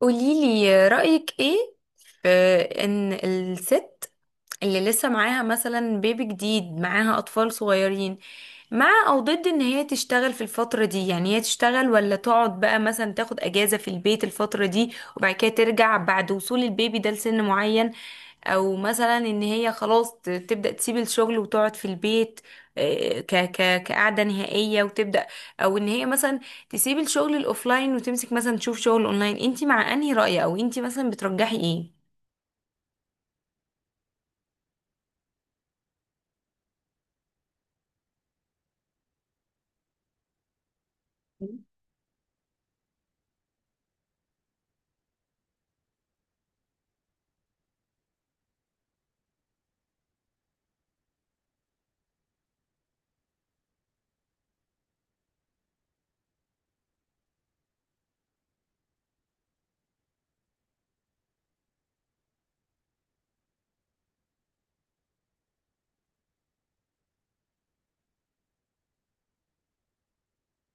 قوليلي رأيك ايه في ان الست اللي لسه معاها مثلا بيبي جديد، معاها أطفال صغيرين، مع أو ضد ان هي تشتغل في الفترة دي؟ يعني هي تشتغل ولا تقعد بقى مثلا تاخد أجازة في البيت الفترة دي، وبعد كده ترجع بعد وصول البيبي ده لسن معين؟ او مثلا ان هي خلاص تبدأ تسيب الشغل وتقعد في البيت، ك ك كقعدة نهائية وتبدأ؟ او ان هي مثلا تسيبي الشغل الاوفلاين وتمسك مثلا تشوف شغل اونلاين، انتي مع انهي رأي، او انتي مثلا بترجحي ايه؟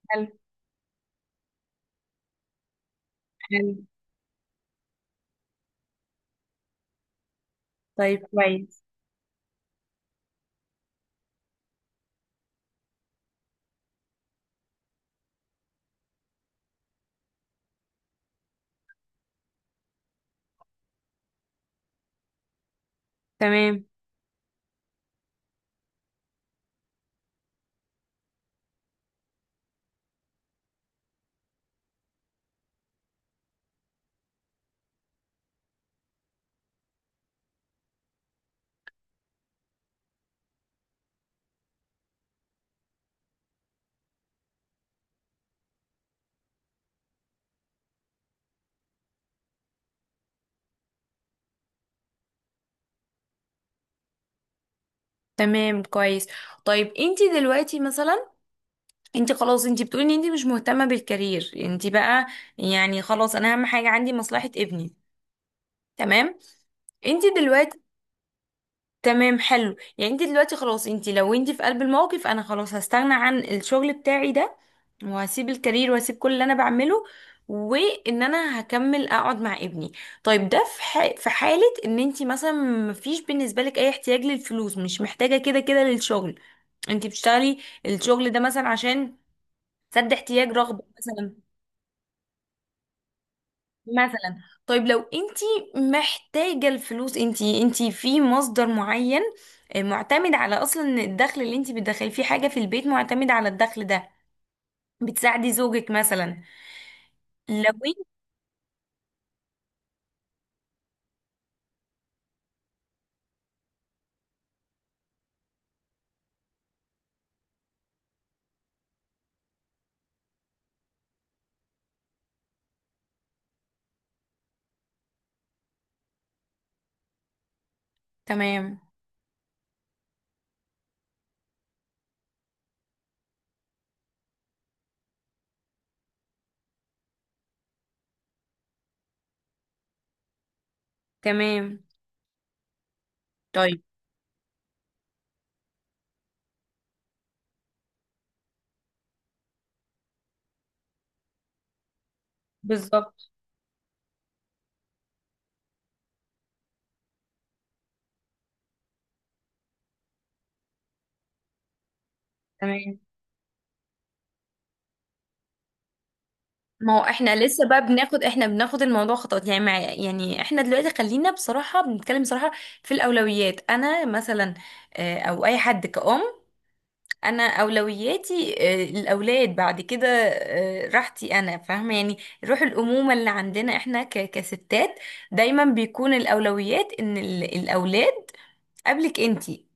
حلو. حلو. طيب، كويس. تمام. تمام، كويس. طيب، انتي دلوقتي مثلا انتي خلاص، انتي بتقولي ان انتي مش مهتمة بالكارير، انتي بقى يعني خلاص انا اهم حاجة عندي مصلحة ابني. تمام. انتي. تمام، حلو. يعني انت دلوقتي خلاص انت، لو انت في قلب الموقف، انا خلاص هستغنى عن الشغل بتاعي ده، وهسيب الكارير، وهسيب كل اللي انا بعمله، وان انا هكمل اقعد مع ابني. طيب ده في في حالة ان انت مثلا مفيش بالنسبة لك اي احتياج للفلوس، مش محتاجة كده كده للشغل، انت بتشتغلي الشغل ده مثلا عشان سد احتياج، رغبة مثلا. مثلا. طيب لو انتي محتاجة الفلوس، انتي انتي في مصدر معين، معتمد على، اصلا إن الدخل اللي انتي بتدخلي فيه حاجة في البيت معتمد على الدخل ده، بتساعدي زوجك مثلا. لو انت. تمام. تمام. طيب، بالظبط. تمام. ما هو احنا لسه بقى بناخد الموضوع خطوات، يعني، مع، يعني احنا دلوقتي خلينا بصراحة بنتكلم بصراحة. في الاولويات، انا مثلا، او اي حد كأم، انا اولوياتي الاولاد، بعد كده راحتي انا، فاهمه يعني. روح الامومه اللي عندنا احنا كستات، دايما بيكون الاولويات ان الاولاد قبلك انتي.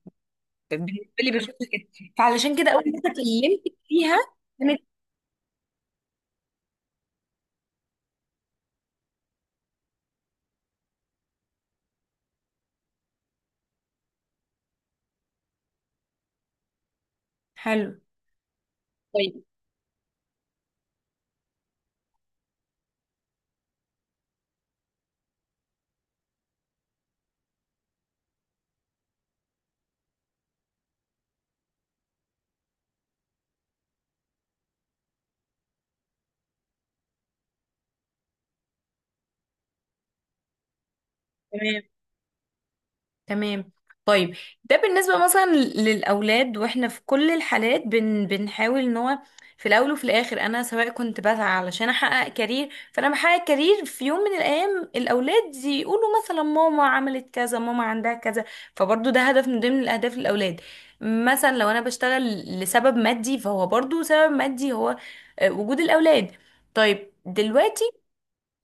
بالنسبه لي بشوف كده. فعلشان كده اول ما كلمتك فيها كانت... حلو. طيب. تمام. تمام. طيب، ده بالنسبة مثلا للأولاد، وإحنا في كل الحالات بنحاول إن هو في الأول وفي الآخر أنا، سواء كنت بسعى علشان أحقق كارير، فأنا بحقق كارير في يوم من الأيام، الأولاد يقولوا مثلا ماما عملت كذا، ماما عندها كذا. فبرضو ده هدف من ضمن الأهداف، الأولاد. مثلا لو أنا بشتغل لسبب مادي، فهو برضو سبب مادي هو وجود الأولاد. طيب دلوقتي،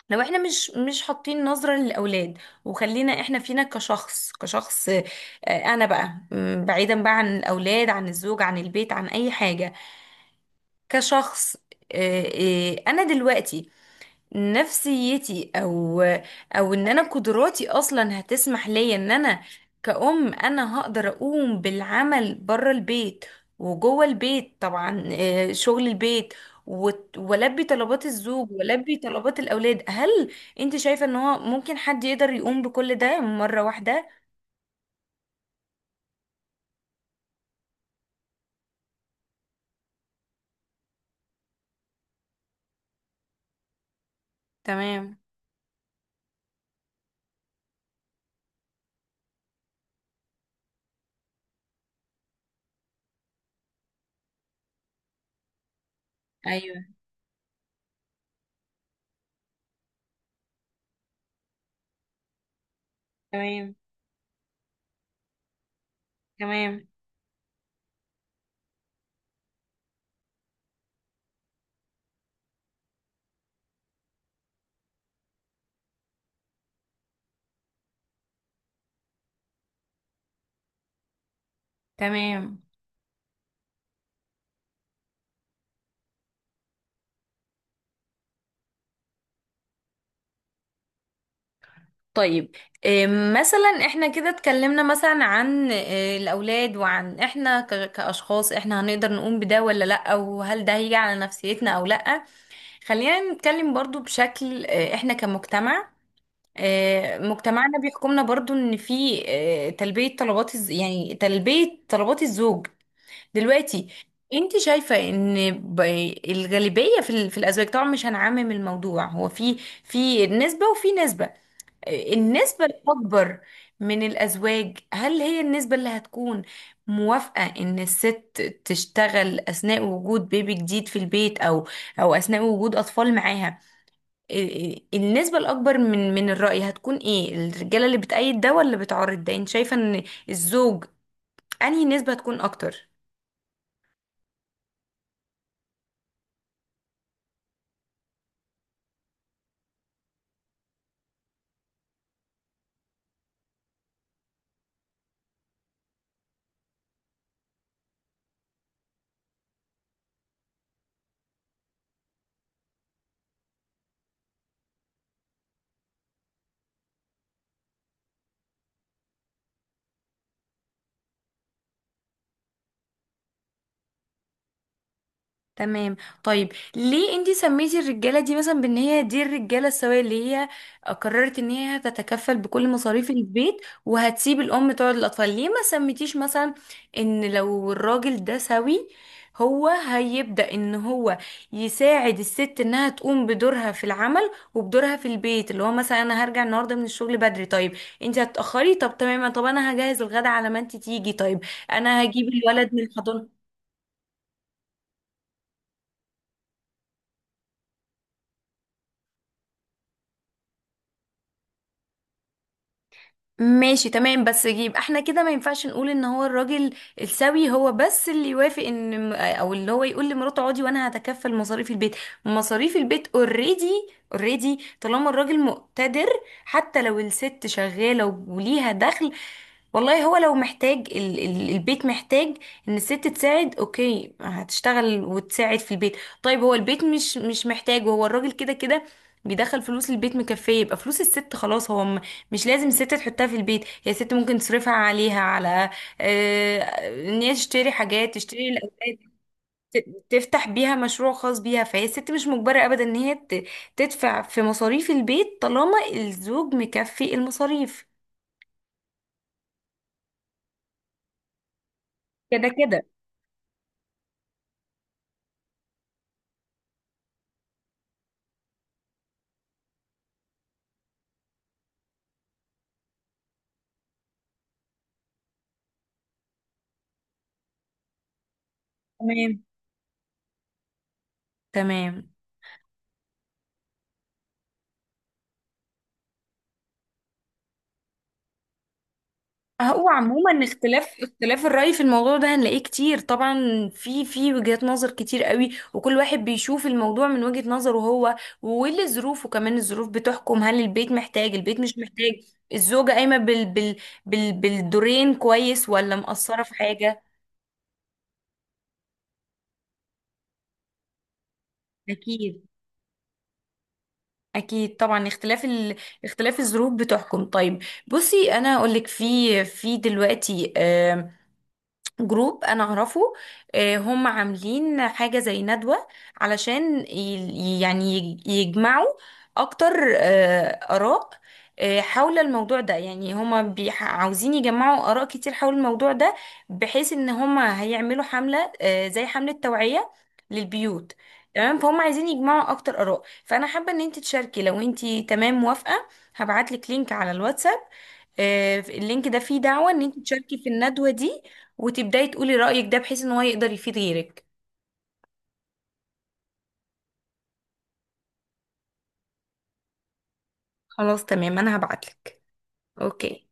لو احنا مش حاطين نظرة للأولاد، وخلينا احنا فينا كشخص انا بقى، بعيدا بقى عن الأولاد، عن الزوج، عن البيت، عن أي حاجة، كشخص، آه، انا دلوقتي نفسيتي او ان انا قدراتي اصلا هتسمح لي ان انا كأم انا هقدر اقوم بالعمل بره البيت وجوه البيت، طبعا، شغل البيت والبي طلبات الزوج والبي طلبات الاولاد، هل انت شايفة ان هو ممكن حد يقدر يقوم بكل ده مرة واحدة؟ تمام. ايوه. تمام. تمام. تمام. طيب، إيه مثلا، احنا كده اتكلمنا مثلا عن إيه الاولاد، وعن احنا كاشخاص احنا هنقدر نقوم بده ولا لا، وهل ده هيجي على نفسيتنا او لا. خلينا نتكلم برضو، بشكل إيه، احنا كمجتمع، إيه مجتمعنا بيحكمنا برضو ان في إيه تلبية طلبات يعني تلبية طلبات الزوج. دلوقتي، انت شايفة ان الغالبية في في الازواج، طبعا مش هنعمم الموضوع، هو في نسبة وفي نسبة، النسبة الأكبر من الأزواج، هل هي النسبة اللي هتكون موافقة إن الست تشتغل أثناء وجود بيبي جديد في البيت، أو أثناء وجود أطفال معاها، النسبة الأكبر من الرأي هتكون إيه، الرجالة اللي بتأيد ده ولا بتعارض ده؟ أنت شايفة إن الزوج أنهي نسبة هتكون أكتر؟ تمام. طيب، ليه انتي سميتي الرجاله دي مثلا بان هي دي الرجاله السويه، اللي هي قررت ان هي هتتكفل بكل مصاريف البيت وهتسيب الام تقعد للاطفال؟ ليه ما سميتيش مثلا ان لو الراجل ده سوي، هو هيبدأ ان هو يساعد الست انها تقوم بدورها في العمل وبدورها في البيت، اللي هو مثلا انا هرجع النهارده من الشغل بدري، طيب انتي هتتأخري، طب تمام، طب انا هجهز الغدا على ما انتي تيجي، طيب انا هجيب الولد من الحضانة. ماشي. تمام. بس يبقى احنا كده ما ينفعش نقول ان هو الراجل السوي هو بس اللي يوافق ان او اللي هو يقول لمراته اقعدي وانا هتكفل مصاريف البيت. مصاريف البيت اوريدي، اوريدي طالما الراجل مقتدر، حتى لو الست شغالة وليها دخل، والله هو لو محتاج ال ال البيت محتاج ان الست تساعد، اوكي هتشتغل وتساعد في البيت. طيب هو البيت مش محتاج، وهو الراجل كده كده بيدخل فلوس البيت مكفية، يبقى فلوس الست خلاص، هو مش لازم الست تحطها في البيت، هي الست ممكن تصرفها عليها، على آه، ان هي تشتري حاجات، تشتري الاولاد، تفتح بيها مشروع خاص بيها، فهي الست مش مجبرة ابدا ان هي تدفع في مصاريف البيت طالما الزوج مكفي المصاريف. كده كده. تمام. تمام. هو عموما اختلاف الرأي في الموضوع ده هنلاقيه كتير طبعا. في وجهات نظر كتير قوي، وكل واحد بيشوف الموضوع من وجهة نظره هو، واللي ظروفه كمان، الظروف بتحكم، هل البيت محتاج، البيت مش محتاج، الزوجة قايمة بالدورين كويس ولا مقصرة في حاجة. أكيد. أكيد طبعا، اختلاف الظروف بتحكم. طيب، بصي أنا هقولك، في دلوقتي جروب انا اعرفه، هم عاملين حاجة زي ندوة علشان يعني يجمعوا اكتر اراء حول الموضوع ده. يعني هم عاوزين يجمعوا اراء كتير حول الموضوع ده، بحيث ان هم هيعملوا حملة زي حملة توعية للبيوت. تمام. فهم عايزين يجمعوا اكتر اراء، فانا حابة ان انت تشاركي لو انت تمام موافقة. هبعتلك لينك على الواتساب، اللينك ده فيه دعوة ان انت تشاركي في الندوة دي، وتبداي تقولي رأيك ده بحيث ان هو يقدر يفيد غيرك. خلاص. تمام. انا هبعتلك. اوكي.